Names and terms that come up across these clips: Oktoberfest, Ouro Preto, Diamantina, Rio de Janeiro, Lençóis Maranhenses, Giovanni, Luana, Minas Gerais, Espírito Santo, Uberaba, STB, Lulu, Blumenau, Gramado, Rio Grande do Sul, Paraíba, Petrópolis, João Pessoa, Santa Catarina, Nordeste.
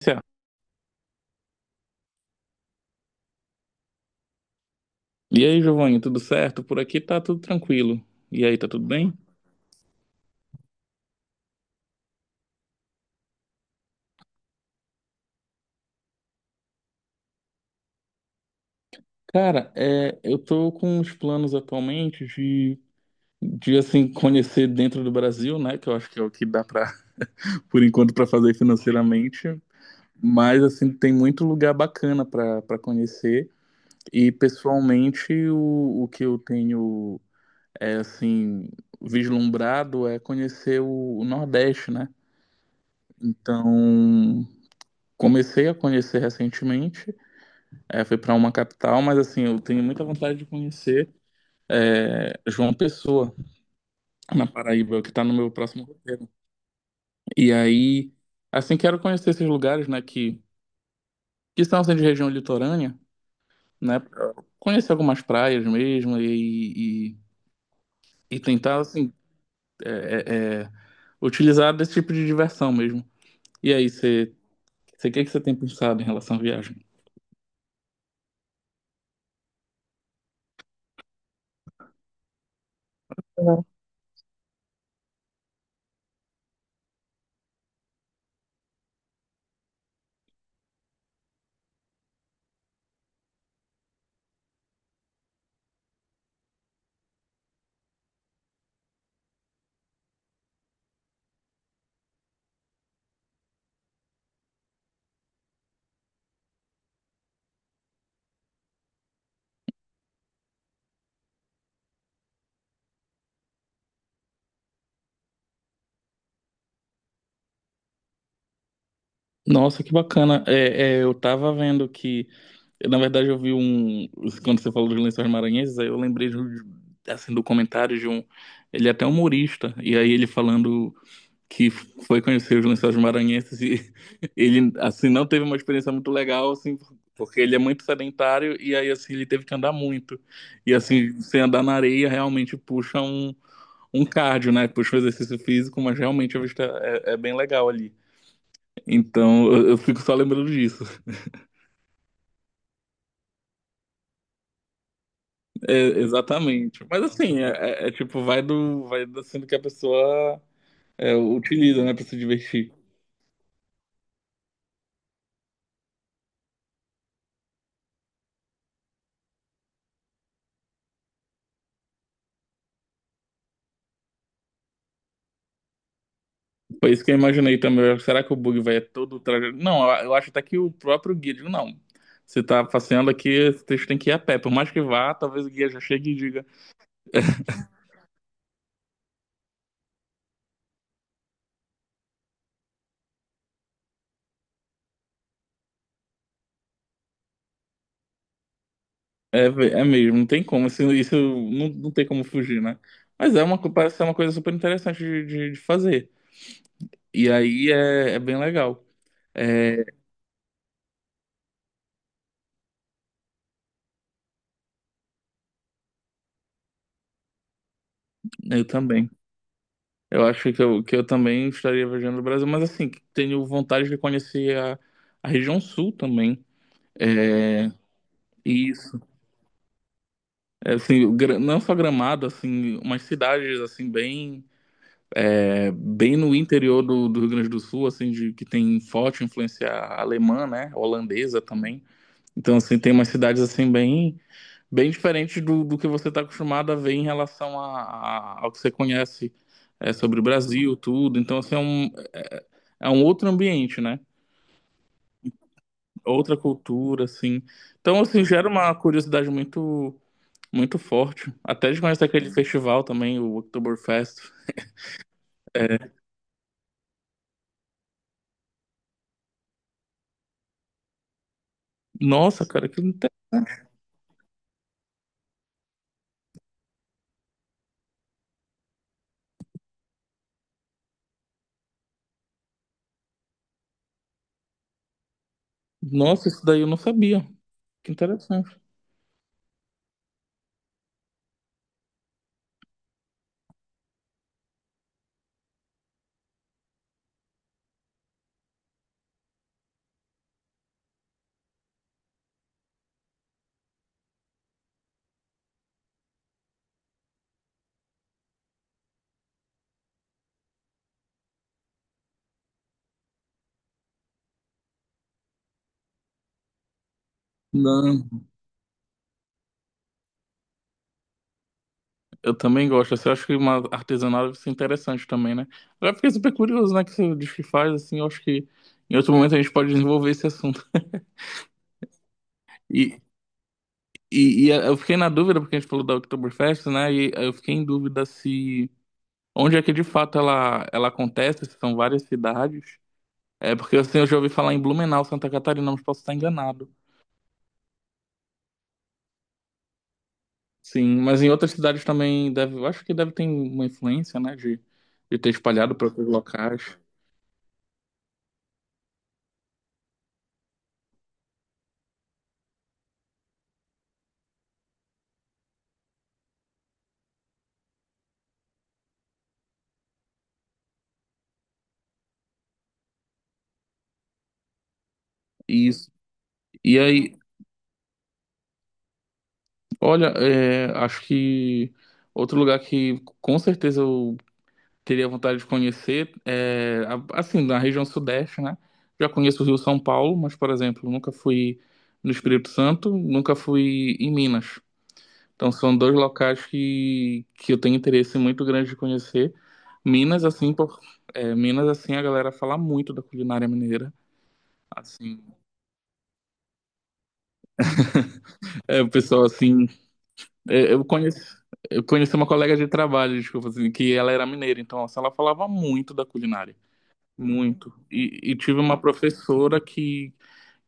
Certo. E aí, Giovanni, tudo certo? Por aqui tá tudo tranquilo. E aí, tá tudo bem? Cara, eu tô com uns planos atualmente de assim, conhecer dentro do Brasil, né? Que eu acho que é o que dá por enquanto, pra fazer financeiramente. Mas, assim, tem muito lugar bacana pra conhecer. E, pessoalmente, o que eu tenho, assim, vislumbrado é conhecer o Nordeste, né? Então, comecei a conhecer recentemente. Fui para uma capital, mas assim, eu tenho muita vontade de conhecer João Pessoa, na Paraíba, que está no meu próximo roteiro. E aí, assim, quero conhecer esses lugares, que são assim, de região litorânea, né, pra conhecer algumas praias mesmo e tentar, assim, é, é, é, utilizar desse tipo de diversão mesmo. E aí, você, o que que você tem pensado em relação à viagem? Nossa, que bacana. Eu tava vendo que, na verdade, eu vi um. Quando você falou de Lençóis Maranhenses, aí eu lembrei assim, do comentário de um. Ele é até humorista, e aí ele falando que foi conhecer os Lençóis Maranhenses e ele, assim, não teve uma experiência muito legal, assim, porque ele é muito sedentário e aí, assim, ele teve que andar muito. E, assim, sem andar na areia realmente um cardio, né? Puxa um exercício físico, mas realmente a vista é bem legal ali. Então, eu fico só lembrando disso. É, exatamente. Mas assim, é tipo, vai do sendo que a pessoa utiliza, né, pra se divertir. Foi isso que eu imaginei também. Será que o bug vai todo trajeto? Não, eu acho até que o próprio guia, digo, não. Você tá passeando aqui, esse texto tem que ir a pé. Por mais que vá, talvez o guia já chegue e diga. É mesmo, não tem como. Isso, não tem como fugir, né? Mas é uma, parece ser uma coisa super interessante de fazer. E aí é bem legal. É, Eu também. Eu acho que eu também estaria viajando no Brasil, mas assim, tenho vontade de conhecer a região sul também. É, isso. É, assim, Gra- não só Gramado, assim, umas cidades assim bem no interior do Rio Grande do Sul, assim, de, que tem forte influência alemã, né? Holandesa também. Então, assim, tem umas cidades assim bem diferentes do que você está acostumado a ver em relação ao que você conhece sobre o Brasil, tudo. Então, assim, é um, é um outro ambiente, né? É outra cultura, assim. Então, assim, gera uma curiosidade muito, muito forte. Até de conhecer aquele festival também, o Oktoberfest. É, nossa, cara, que inte- nossa, isso daí eu não sabia. Que interessante. Não, eu também gosto. Assim, eu acho que uma artesanal deve ser interessante também, né? Agora eu fiquei super curioso, né? Que você diz que faz, assim, eu acho que em outro momento a gente pode desenvolver esse assunto. E, e eu fiquei na dúvida, porque a gente falou da Oktoberfest, né? E eu fiquei em dúvida se onde é que de fato ela acontece? Se são várias cidades. É porque assim, eu já ouvi falar em Blumenau, Santa Catarina, mas posso estar enganado. Sim, mas em outras cidades também deve, eu acho que deve ter uma influência, de ter espalhado para outros locais. Isso. E aí, olha, é, acho que outro lugar que com certeza eu teria vontade de conhecer é, a- assim, na região sudeste, né? Já conheço o Rio, São Paulo, mas, por exemplo, nunca fui no Espírito Santo, nunca fui em Minas. Então são dois locais que eu tenho interesse muito grande de conhecer. Minas, assim, por, é, Minas, assim, a galera fala muito da culinária mineira. Assim, é, o pessoal, assim, eu conheço, eu conheci uma colega de trabalho, desculpa, assim, que ela era mineira, então, assim, ela falava muito da culinária, muito. E tive uma professora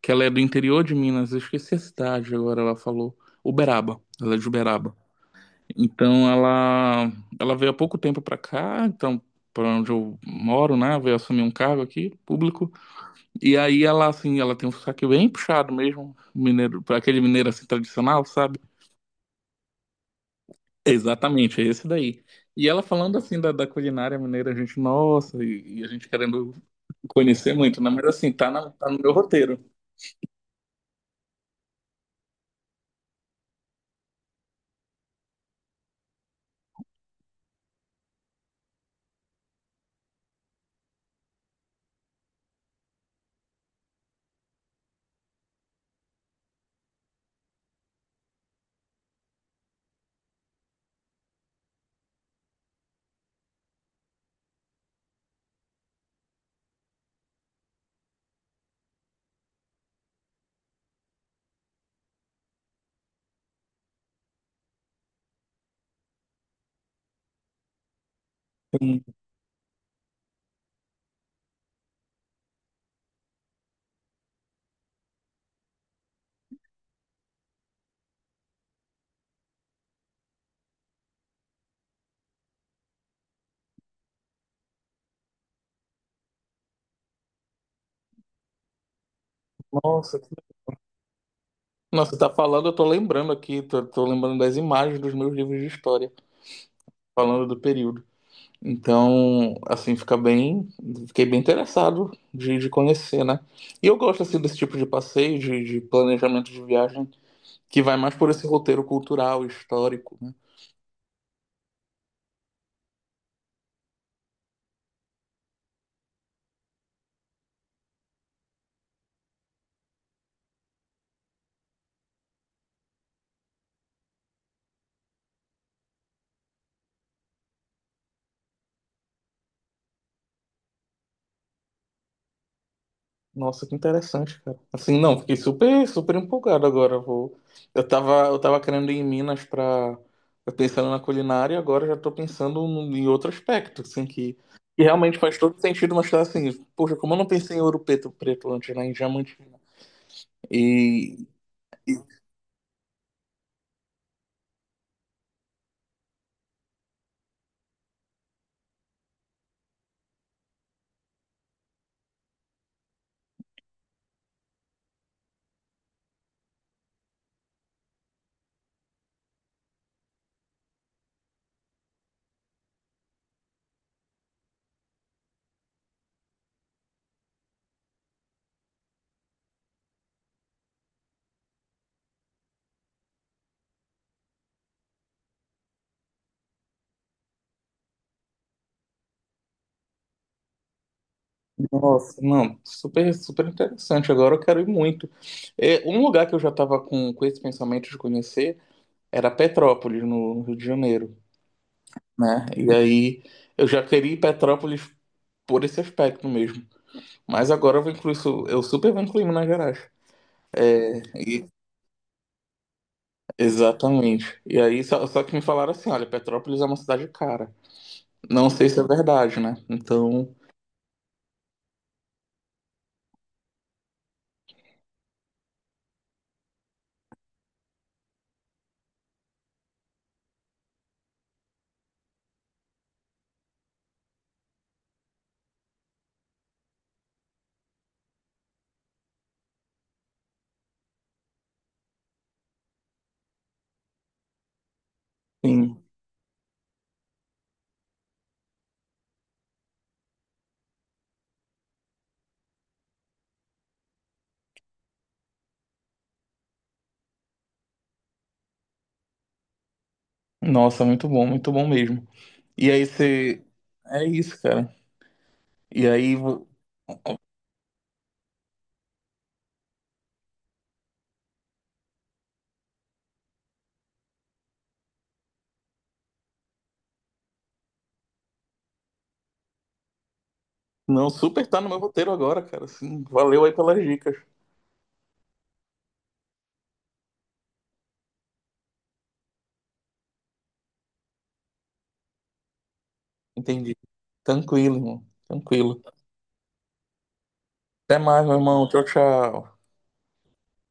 que ela é do interior de Minas, eu esqueci a cidade agora, ela falou, Uberaba, ela é de Uberaba. Então ela veio há pouco tempo para cá, então para onde eu moro, né? Veio assumir um cargo aqui público. E aí ela assim, ela tem um sotaque bem puxado mesmo, mineiro, para aquele mineiro assim tradicional, sabe? Exatamente, é esse daí. E ela falando assim da culinária mineira, a gente, nossa, e a gente querendo conhecer muito, né? Mas assim, tá, na- tá no meu roteiro. Sim. Nossa, que- nossa, tá falando, eu tô lembrando aqui, tô lembrando das imagens dos meus livros de história, falando do período. Então, assim, fica bem, fiquei bem interessado de conhecer, né? E eu gosto assim desse tipo de passeio, de planejamento de viagem, que vai mais por esse roteiro cultural, histórico, né? Nossa, que interessante, cara. Assim, não, fiquei super, super empolgado agora. Vou... eu tava querendo ir em Minas pra, pensando na culinária, agora já tô pensando no- em outro aspecto, assim, que realmente faz todo sentido, mas tá assim, poxa, como eu não pensei em Preto antes, né? Em Diamantina. E nossa, não, super, super interessante. Agora eu quero ir muito. É, um lugar que eu já estava com esse pensamento de conhecer era Petrópolis, no Rio de Janeiro, né? E aí eu já queria ir Petrópolis por esse aspecto mesmo. Mas agora eu vou incluir, isso eu super vou incluir Minas Gerais. E- exatamente. E aí só que me falaram assim, olha, Petrópolis é uma cidade cara. Não sei se é verdade, né? Então, sim. Nossa, muito bom mesmo. E aí você... É isso, cara. E aí não, super tá no meu roteiro agora, cara. Assim, valeu aí pelas dicas. Entendi. Tranquilo, irmão. Tranquilo. Até mais, meu irmão. Tchau, tchau.